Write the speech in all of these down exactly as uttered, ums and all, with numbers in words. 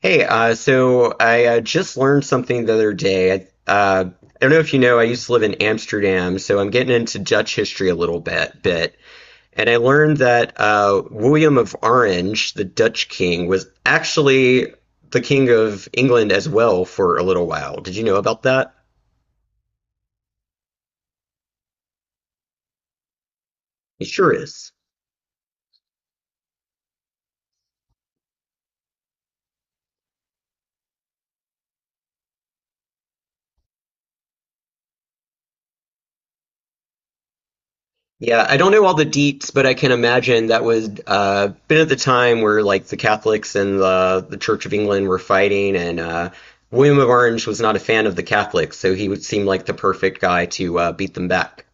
Hey, uh, so I uh, just learned something the other day. I, uh, I don't know if you know, I used to live in Amsterdam, so I'm getting into Dutch history a little bit, bit. And I learned that uh, William of Orange, the Dutch king, was actually the king of England as well for a little while. Did you know about that? He sure is. Yeah, I don't know all the deets, but I can imagine that would uh, been at the time where like the Catholics and the the Church of England were fighting, and uh, William of Orange was not a fan of the Catholics, so he would seem like the perfect guy to uh, beat them back.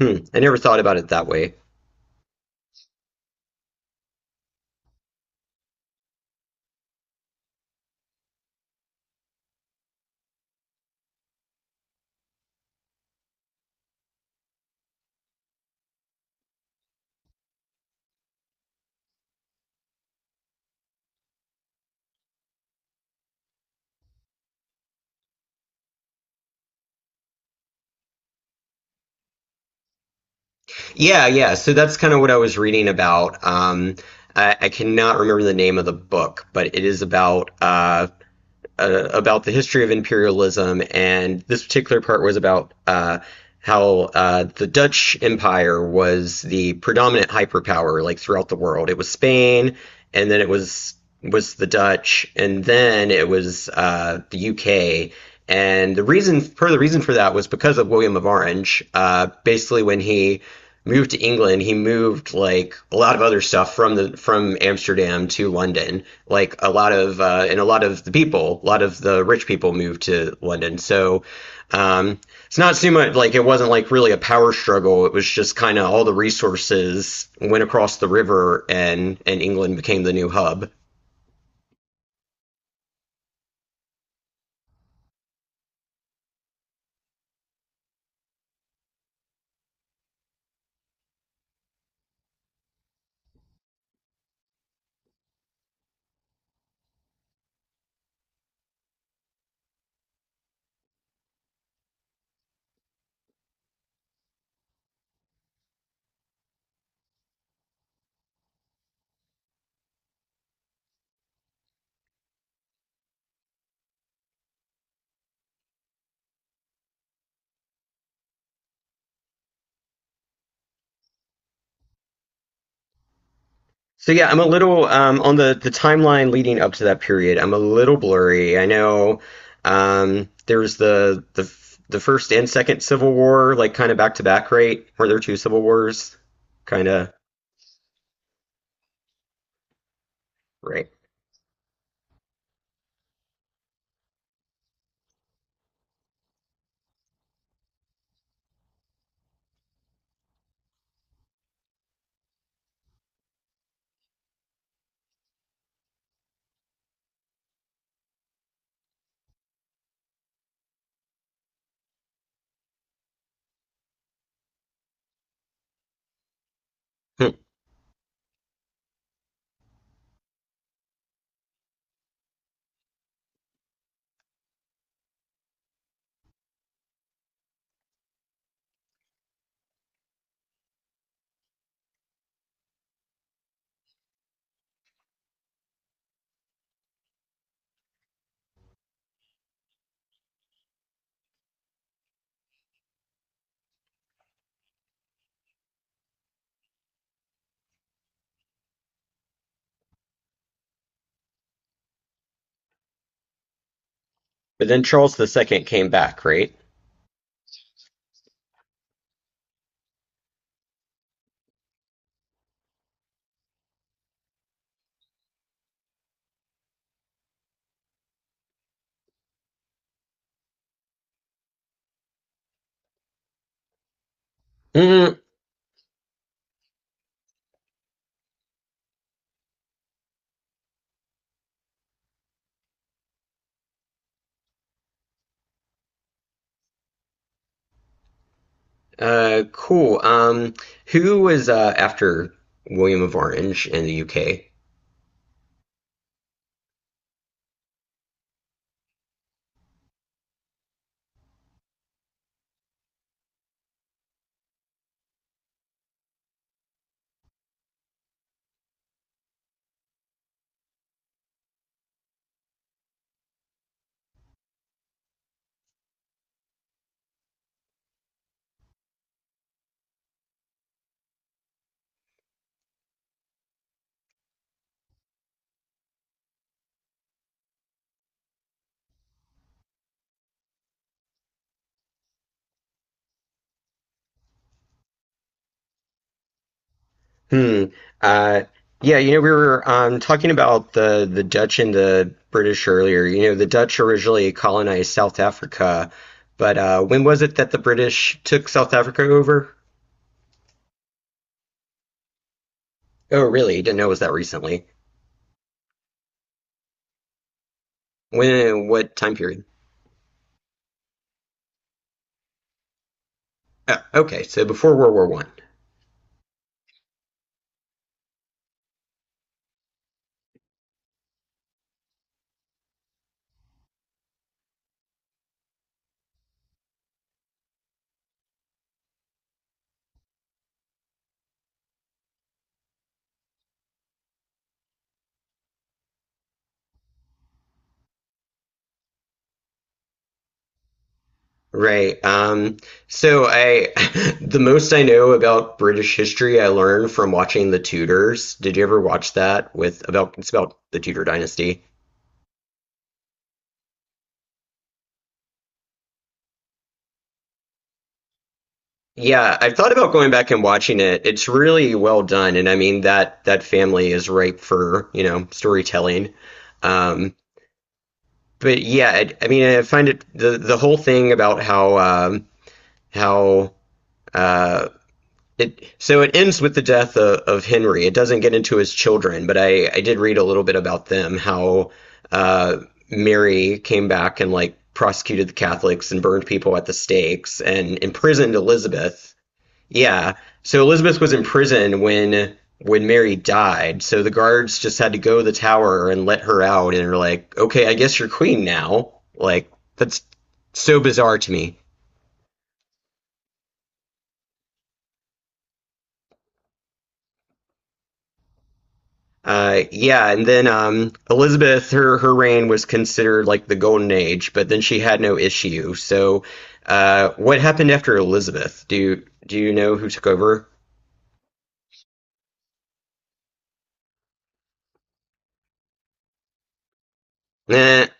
Hmm, I never thought about it that way. Yeah, yeah. So that's kind of what I was reading about. Um, I, I cannot remember the name of the book, but it is about uh, uh, about the history of imperialism, and this particular part was about uh, how uh, the Dutch Empire was the predominant hyperpower like throughout the world. It was Spain, and then it was was the Dutch, and then it was uh, the U K. And the reason, per the reason for that, was because of William of Orange. Uh, basically, when he moved to England, he moved like a lot of other stuff from the from Amsterdam to London. Like a lot of uh, and a lot of the people, a lot of the rich people moved to London. So um, it's not so much like it wasn't like really a power struggle. It was just kind of all the resources went across the river, and and England became the new hub. So yeah, I'm a little um, on the the timeline leading up to that period. I'm a little blurry. I know um, there was the the the first and second Civil War, like kind of back to back, right? Were there two Civil Wars? Kind of right. Hmm. But then Charles the Second came back, right? Mm. Uh, cool. Um, who was uh, after William of Orange in the U K? Hmm. Uh, yeah, you know, we were um, talking about the the Dutch and the British earlier. You know, the Dutch originally colonized South Africa, but uh, when was it that the British took South Africa over? Oh, really? Didn't know it was that recently. When? What time period? Oh, okay, so before World War One. Right. Um, so I, the most I know about British history I learned from watching The Tudors. Did you ever watch that with about it's about the Tudor dynasty? Yeah, I've thought about going back and watching it. It's really well done, and I mean that that family is ripe for, you know, storytelling. Um, but yeah, I, I mean I find it the the whole thing about how um, how uh, it, so it ends with the death of, of Henry. It doesn't get into his children, but I, I did read a little bit about them, how uh, Mary came back and like prosecuted the Catholics and burned people at the stakes and imprisoned Elizabeth. Yeah. So Elizabeth was in prison when when Mary died. So the guards just had to go to the tower and let her out and were like, "Okay, I guess you're queen now." Like that's so bizarre to me. Uh, yeah, and then um, Elizabeth, her her reign was considered like the golden age, but then she had no issue. So, uh, what happened after Elizabeth? Do you, do you know who took over? Eh,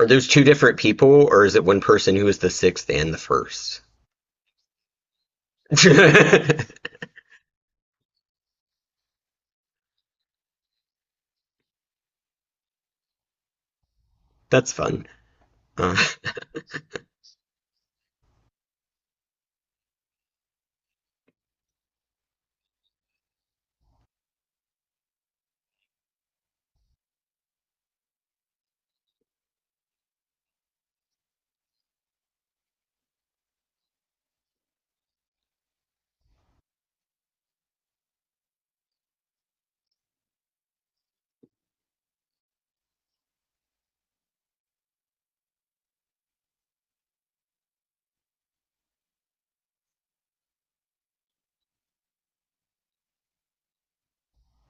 are those two different people, or is it one person who was the sixth and the first? That's fun. Uh,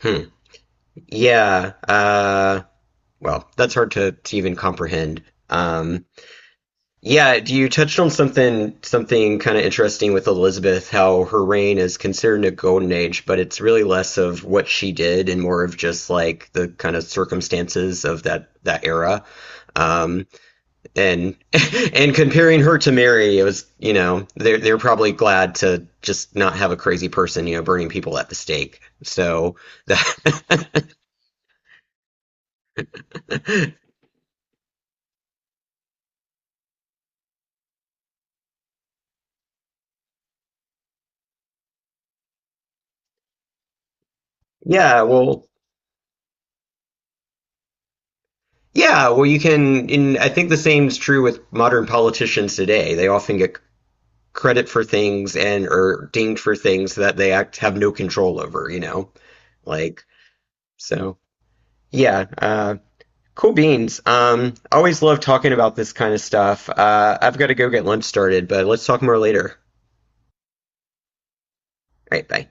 hmm. Yeah. Uh, well, that's hard to, to even comprehend. Um, Yeah, you touched on something something kind of interesting with Elizabeth, how her reign is considered a golden age, but it's really less of what she did and more of just like the kind of circumstances of that that era. Um, and and comparing her to Mary, it was, you know, they're they're probably glad to just not have a crazy person, you know, burning people at the stake. So that yeah, well, yeah, well, you can, and I think the same is true with modern politicians today. They often get credit for things and are dinged for things that they act have no control over, you know? Like, so yeah, uh, cool beans. Um, always love talking about this kind of stuff. Uh, I've got to go get lunch started, but let's talk more later. All right, bye.